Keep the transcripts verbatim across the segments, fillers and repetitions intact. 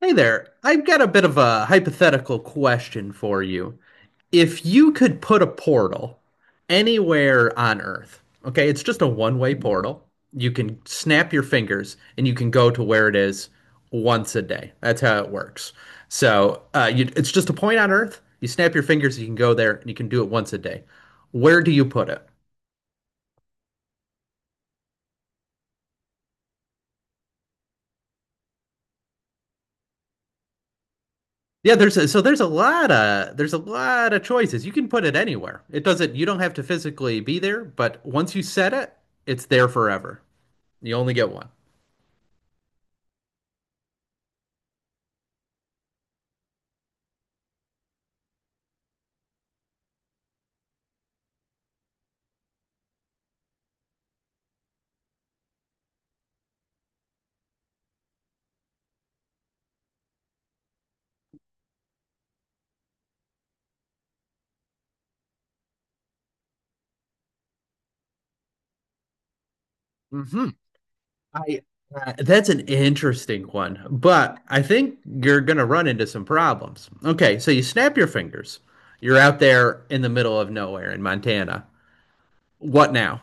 Hey there. I've got a bit of a hypothetical question for you. If you could put a portal anywhere on Earth, okay, it's just a one-way portal. You can snap your fingers and you can go to where it is once a day. That's how it works. So, uh, you, it's just a point on Earth. You snap your fingers, you can go there, and you can do it once a day. Where do you put it? Yeah, there's a, so there's a lot of there's a lot of choices. You can put it anywhere. It doesn't You don't have to physically be there, but once you set it, it's there forever. You only get one. Hmm. I uh, that's an interesting one, but I think you're gonna run into some problems. Okay, so you snap your fingers. You're out there in the middle of nowhere in Montana. What now?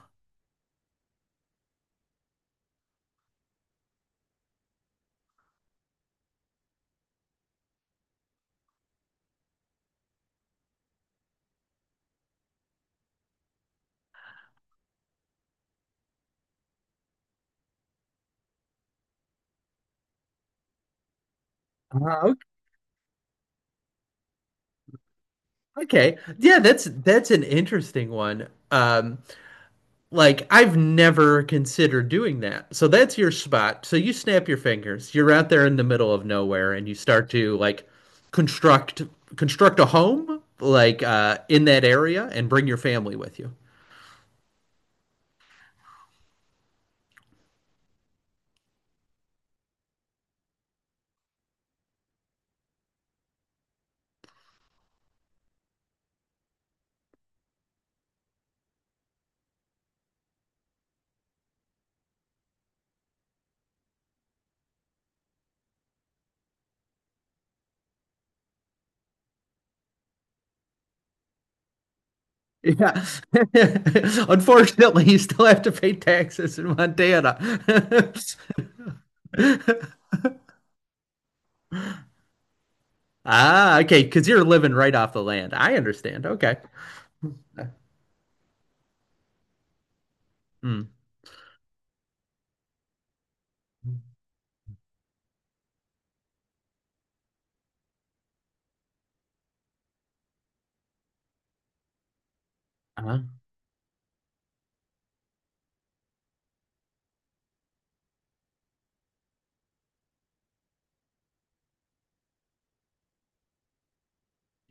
Uh, okay, yeah, that's that's an interesting one. Um, Like I've never considered doing that. So that's your spot. So you snap your fingers. You're out there in the middle of nowhere and you start to like construct construct a home like uh in that area and bring your family with you. Yeah. Unfortunately, you still have to pay taxes in Montana. Ah, okay, because you're living right off the land. I understand. Okay. Mm. Uh-huh.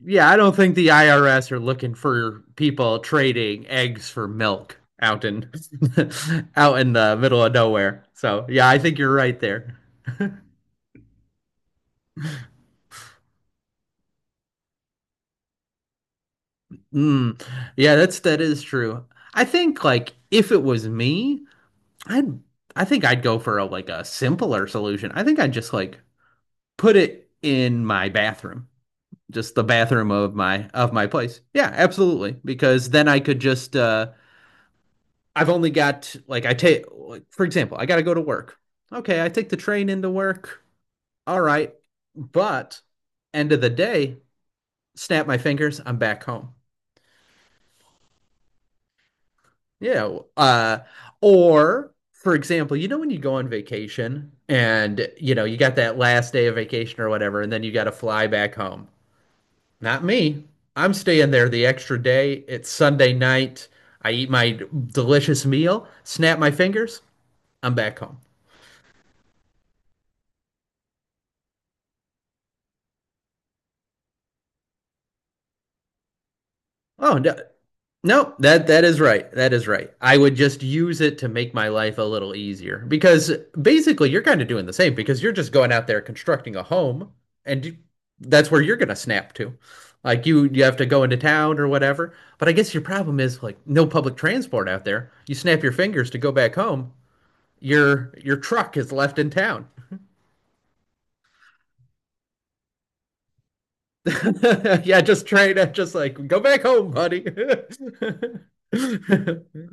Yeah, I don't think the I R S are looking for people trading eggs for milk out in out in the middle of nowhere. So yeah, I think you're right there. Mm. Yeah, that's that is true. I think like if it was me, I'd I think I'd go for a like a simpler solution. I think I'd just like put it in my bathroom. Just the bathroom of my of my place. Yeah, absolutely. Because then I could just uh I've only got like I take like for example, I got to go to work. Okay, I take the train into work. All right. But end of the day, snap my fingers, I'm back home. Yeah, uh or for example, you know when you go on vacation and you know you got that last day of vacation or whatever and then you got to fly back home. Not me. I'm staying there the extra day. It's Sunday night. I eat my delicious meal, snap my fingers, I'm back home. Oh, no, no, that that is right. That is right. I would just use it to make my life a little easier because basically you're kind of doing the same because you're just going out there constructing a home and you- that's where you're going to snap to. Like you you have to go into town or whatever. But I guess your problem is like no public transport out there. You snap your fingers to go back home. Your your truck is left in town. Yeah, just try to just like go back home, buddy.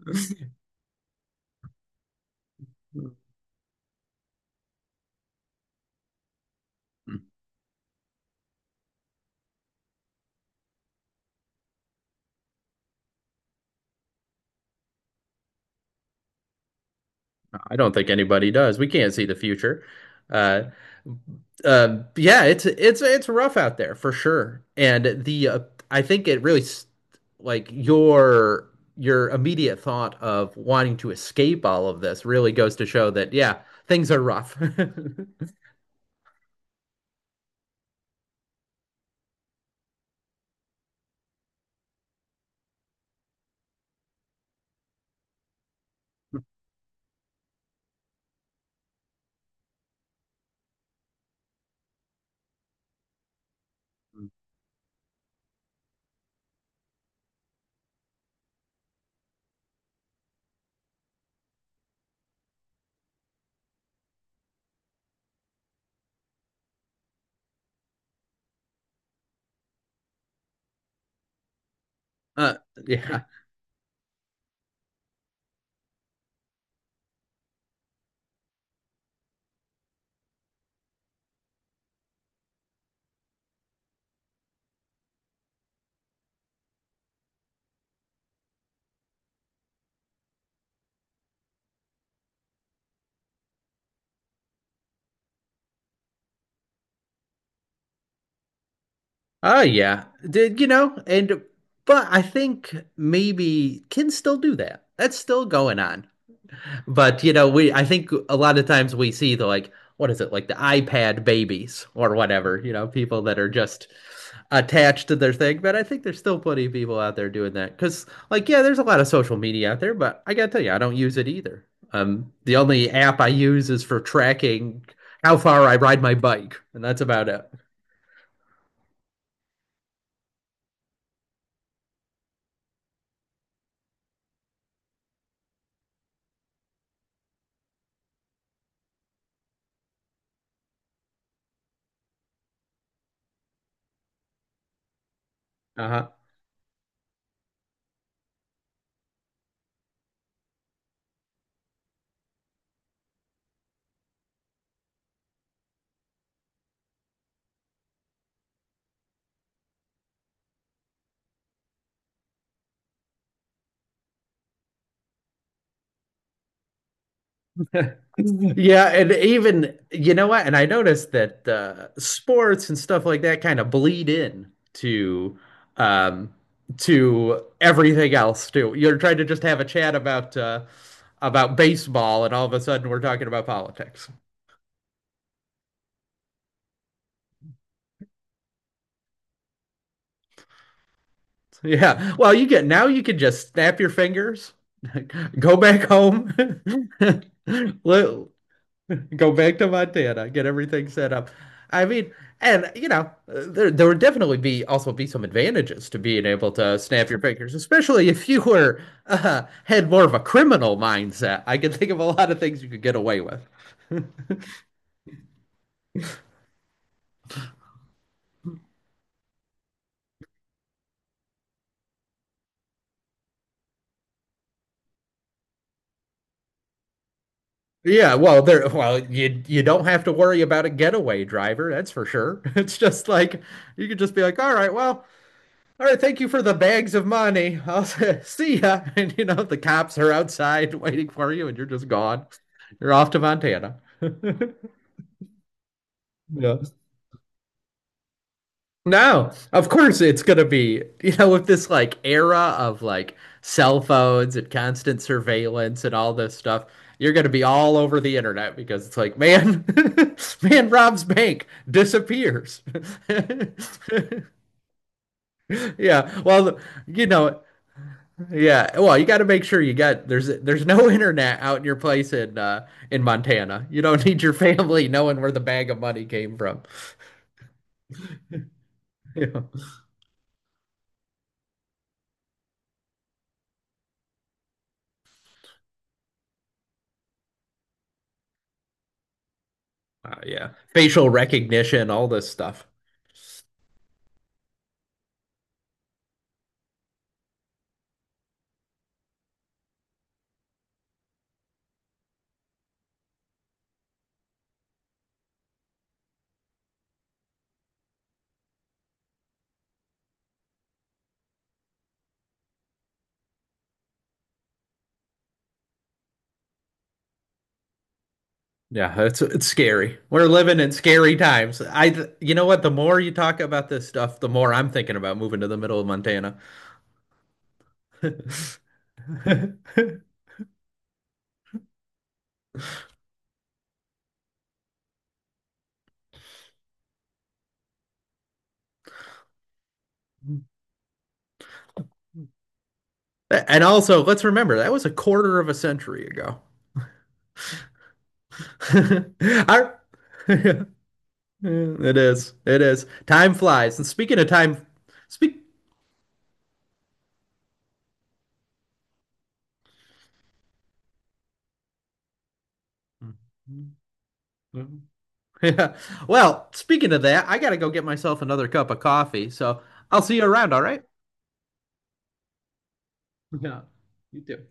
I don't think anybody does. We can't see the future. Uh, uh, yeah, it's it's it's rough out there for sure. And the uh, I think it really s- like your your immediate thought of wanting to escape all of this really goes to show that yeah, things are rough. Uh, yeah. Oh, yeah. Did you know? And but I think maybe kids still do that. That's still going on. But you know, we I think a lot of times we see the like what is it like the iPad babies or whatever, you know, people that are just attached to their thing. But I think there's still plenty of people out there doing that because like yeah, there's a lot of social media out there, but I gotta tell you, I don't use it either. Um, the only app I use is for tracking how far I ride my bike, and that's about it. Uh-huh. Yeah, and even you know what? And I noticed that uh, sports and stuff like that kind of bleed in to um, to everything else too. You're trying to just have a chat about uh, about baseball, and all of a sudden we're talking about politics. Yeah. Well, you get now you can just snap your fingers, go back home, li- go back to Montana, get everything set up. I mean, and you know, there there would definitely be also be some advantages to being able to snap your fingers, especially if you were uh, had more of a criminal mindset. I can think of a lot of things you could get away with. Yeah, well, there, well, you you don't have to worry about a getaway driver, that's for sure. It's just like you could just be like, all right, well, all right, thank you for the bags of money. I'll see ya. And you know, the cops are outside waiting for you, and you're just gone. You're off to Montana. Yeah. No, of course it's gonna be, you know, with this like era of like cell phones and constant surveillance and all this stuff, you're gonna be all over the internet because it's like, man, man robs bank, disappears. Yeah, well, you know, yeah, well, you got to make sure you got there's there's no internet out in your place in uh in Montana. You don't need your family knowing where the bag of money came from. Yeah. Uh, yeah. Facial recognition, all this stuff. Yeah, it's it's scary. We're living in scary times. I you know what, the more you talk about this stuff, the more I'm thinking about moving to the middle of Montana. And also, let's remember that was a quarter of a century ago. I Mm, it is. It is. Time flies. And speaking of time, speak. Yeah. Well, speaking of that, I gotta go get myself another cup of coffee. So I'll see you around, all right? Yeah, you too.